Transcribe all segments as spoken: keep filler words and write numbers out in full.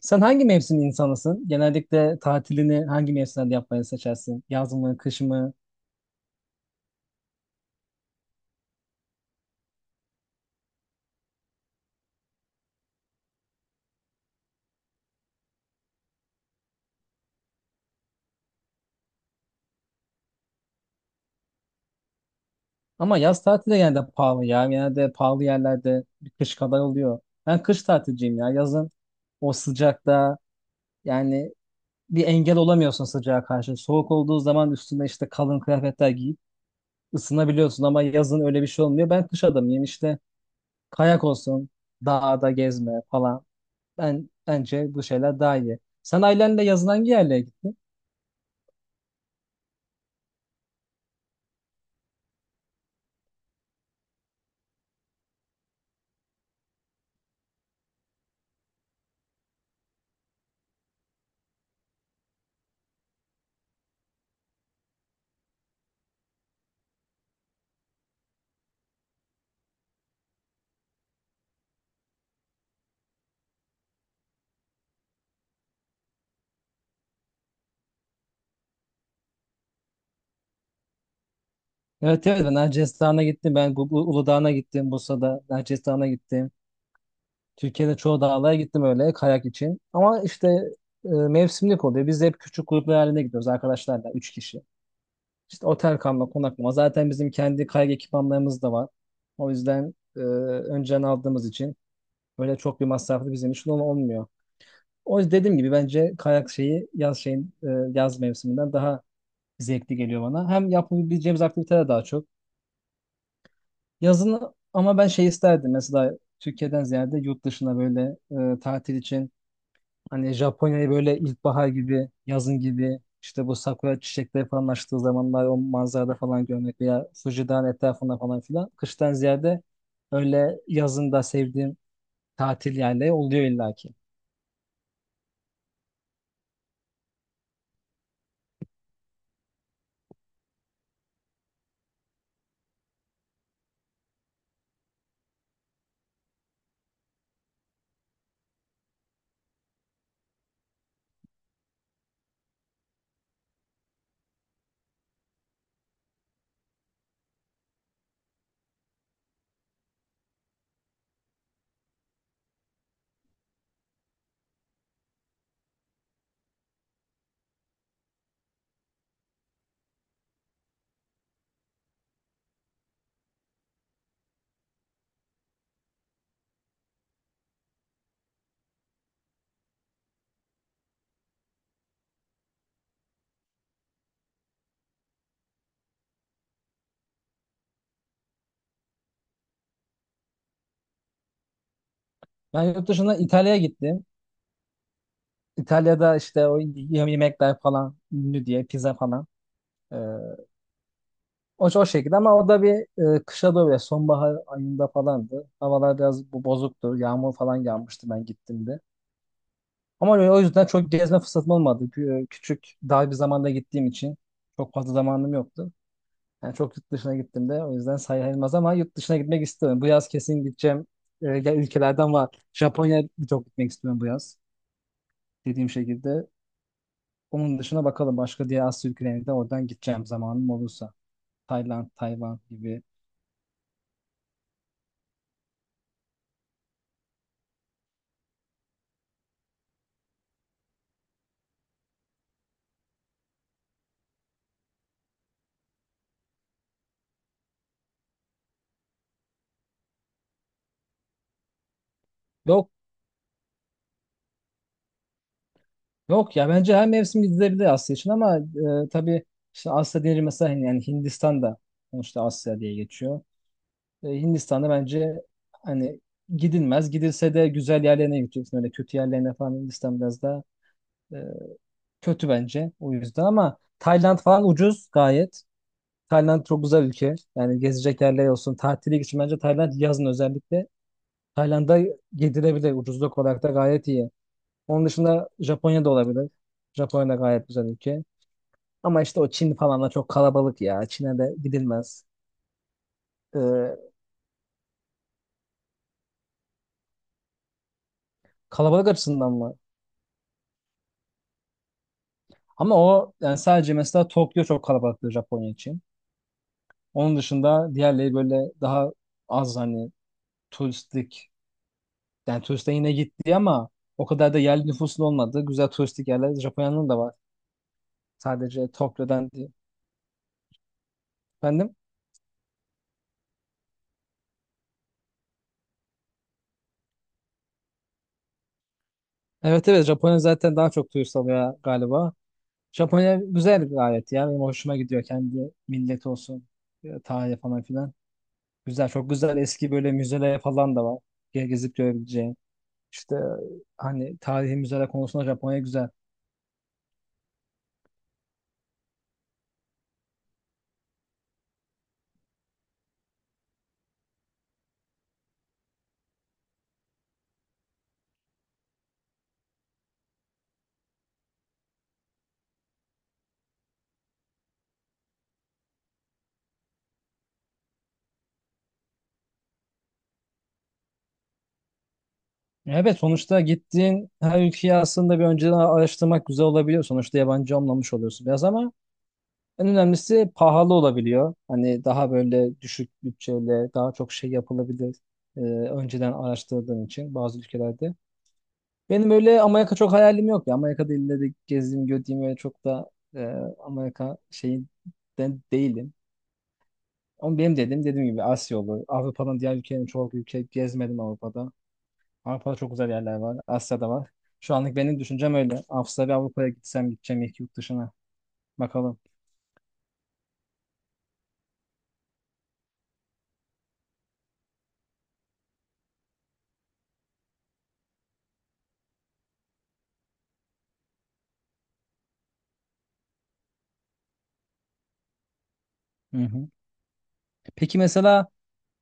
Sen hangi mevsim insanısın? Genellikle tatilini hangi mevsimlerde yapmayı seçersin? Yaz mı, kış mı? Ama yaz tatili de genelde pahalı ya. Genelde pahalı yerlerde bir kış kadar oluyor. Ben kış tatilciyim ya. Yazın o sıcakta yani bir engel olamıyorsun sıcağa karşı. Soğuk olduğu zaman üstüne işte kalın kıyafetler giyip ısınabiliyorsun ama yazın öyle bir şey olmuyor. Ben kış adamıyım işte kayak olsun, dağda gezme falan. Ben bence bu şeyler daha iyi. Sen ailenle yazın hangi yerlere gittin? Evet, evet, ben Erciyes Dağı'na gittim. Ben Gu- Gu- Uludağ'ına gittim. Bursa'da Erciyes Dağı'na gittim. Türkiye'de çoğu dağlara gittim öyle kayak için. Ama işte e, mevsimlik oluyor. Biz de hep küçük gruplar halinde gidiyoruz arkadaşlarla. Üç kişi. İşte otel kalma, konaklama. Zaten bizim kendi kayak ekipmanlarımız da var. O yüzden e, önceden aldığımız için böyle çok bir masraflı bizim için ol- olmuyor. O yüzden dediğim gibi bence kayak şeyi yaz şeyin e, yaz mevsiminden daha zevkli geliyor bana. Hem yapabileceğimiz aktiviteler daha çok. Yazın ama ben şey isterdim mesela Türkiye'den ziyade yurt dışına böyle e, tatil için hani Japonya'yı böyle ilkbahar gibi yazın gibi işte bu sakura çiçekleri falan açtığı zamanlar o manzarada falan görmek veya Fuji Dağı'nın etrafında falan filan kıştan ziyade öyle yazında sevdiğim tatil yerleri oluyor illaki. Ben yurt dışına İtalya'ya gittim. İtalya'da işte o y- yemekler falan ünlü diye pizza falan. e, O, o şekilde ama o da bir e, kışa doğru ya sonbahar ayında falandı. Havalar biraz bu bozuktu. Yağmur falan yağmıştı ben gittiğimde. Ama öyle- o yüzden çok gezme fırsatım olmadı. Kü- e, Küçük dar bir zamanda gittiğim için çok fazla zamanım yoktu. Yani çok yurt dışına gittim de o yüzden sayılmaz ama yurt dışına gitmek istiyorum. Bu yaz kesin gideceğim. E, ya, ülkelerden var. Japonya'ya çok gitmek istiyorum bu yaz. Dediğim şekilde. Onun dışına bakalım başka diğer Asya ülkelerine de oradan gideceğim zamanım olursa. Tayland, Tayvan gibi. Ve o Yok ya, bence her mevsim gidilebilir Asya için ama e, tabii işte Asya deyince mesela hani yani Hindistan'da sonuçta Asya diye geçiyor. E, Hindistan'da bence hani gidilmez. Gidilse de güzel yerlerine gideceksin. Öyle kötü yerlerine falan Hindistan biraz daha e, kötü bence, o yüzden, ama Tayland falan ucuz gayet. Tayland çok güzel ülke. Yani gezecek yerler olsun. Tatile için bence Tayland yazın özellikle. Tayland'a gidilebilir. Ucuzluk olarak da gayet iyi. Onun dışında Japonya da olabilir. Japonya da gayet güzel ülke. Ama işte o Çin falan da çok kalabalık ya. Çin'e de gidilmez. Ee, Kalabalık açısından mı? Ama o yani sadece mesela Tokyo çok kalabalıktır Japonya için. Onun dışında diğerleri böyle daha az hani turistik. Yani turiste yine gitti ama o kadar da yerli nüfusun olmadığı güzel turistik yerler Japonya'nın da var. Sadece Tokyo'dan değil. Efendim? Evet, evet, Japonya zaten daha çok turist alıyor galiba. Japonya güzel bir gayet ya. Benim hoşuma gidiyor kendi millet olsun. e, Tarihi falan filan. Güzel, çok güzel eski böyle müzeler falan da var. Ge- Gezip görebileceğin. İşte hani tarihi müzeler konusunda Japonya güzel. Evet, sonuçta gittiğin her ülkeyi aslında bir önceden araştırmak güzel olabiliyor. Sonuçta yabancı olmamış oluyorsun biraz ama en önemlisi pahalı olabiliyor. Hani daha böyle düşük bütçeyle daha çok şey yapılabilir. E, önceden araştırdığın için bazı ülkelerde. Benim öyle Amerika çok hayalim yok ya. Amerika'da ille de gezdiğim, gördüğüm öyle çok da e, Amerika şeyi de değilim. Ama benim dedim dediğim gibi Asya olur. Avrupa'nın diğer ülkelerini çok ülke gezmedim Avrupa'da. Avrupa'da çok güzel yerler var. Asya'da var. Şu anlık benim düşüncem öyle. Avustralya Avrupa'ya gitsem gideceğim ilk yurt dışına. Bakalım. Hı hı. Peki mesela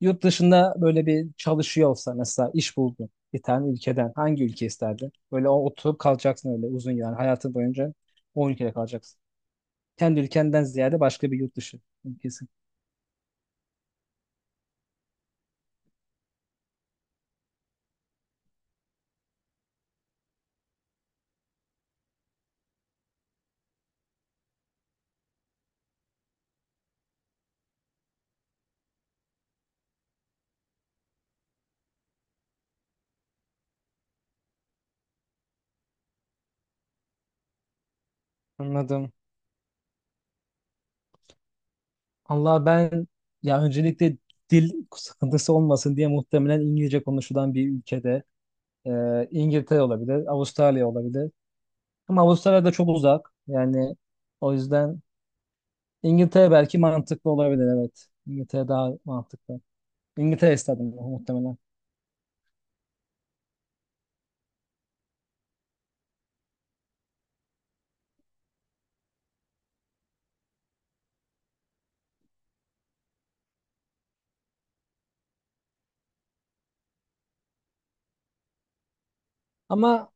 yurt dışında böyle bir çalışıyor olsa mesela iş buldun bir tane ülkeden hangi ülke isterdin? Böyle o- oturup kalacaksın öyle uzun yani hayatın boyunca o ülkede kalacaksın. Kendi ülkenden ziyade başka bir yurt dışı ülkesi. Anladım. Allah, ben ya öncelikle dil sıkıntısı olmasın diye muhtemelen İngilizce konuşulan bir ülkede e, İngiltere olabilir, Avustralya olabilir. Ama Avustralya da çok uzak. Yani o yüzden İngiltere belki mantıklı olabilir, evet. İngiltere daha mantıklı. İngiltere stadyumu muhtemelen. Ama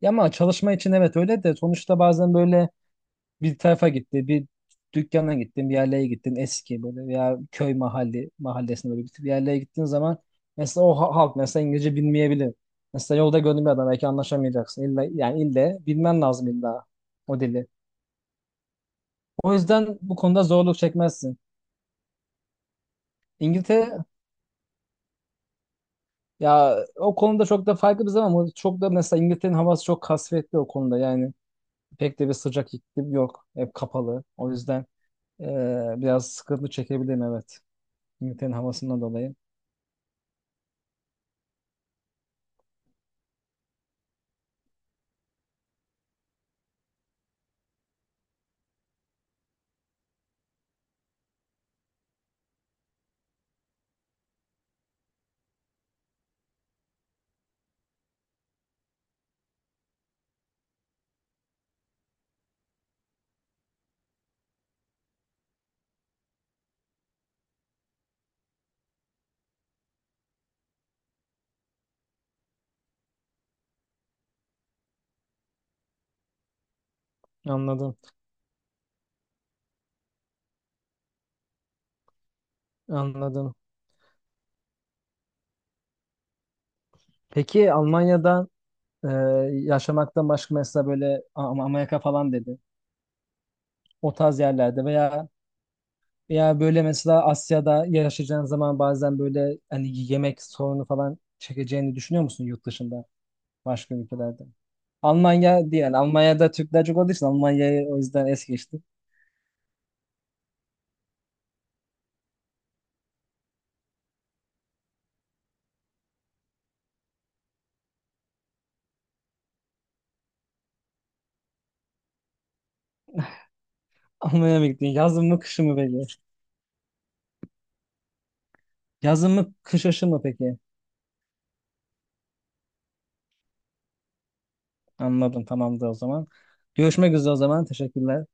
Ya, ama çalışma için evet, öyle de sonuçta bazen böyle bir tarafa gitti, bir dükkana gittin, bir yerlere gittin eski böyle veya köy mahalli mahallesine böyle bir yerlere gittiğin zaman mesela o ha- halk mesela İngilizce bilmeyebilir. Mesela yolda gördüğün bir adam belki anlaşamayacaksın. İlla, yani ille bilmen lazım illa o dili. O yüzden bu konuda zorluk çekmezsin. İngiltere ya, o konuda çok da farklı bir zaman ama çok da mesela İngiltere'nin havası çok kasvetli o konuda yani. Pek de bir sıcak iklim yok. Hep kapalı. O yüzden eee, biraz sıkıntı çekebilirim, evet. İngiltere'nin havasından dolayı. Anladım, anladım. Peki Almanya'da e, yaşamaktan başka mesela böyle Am- Amerika falan dedi. O tarz yerlerde veya veya böyle mesela Asya'da yaşayacağın zaman bazen böyle hani yemek sorunu falan çekeceğini düşünüyor musun yurt dışında başka ülkelerde? Almanya değil, yani Almanya'da Türkler çok olduğu için Almanya'yı o yüzden es geçtim. Almanya'ya mı gittin? Yazın mı, kışın mı peki? Yazın mı, kış aşı mı peki? Anladım, tamamdır o zaman. Görüşmek üzere o zaman. Teşekkürler.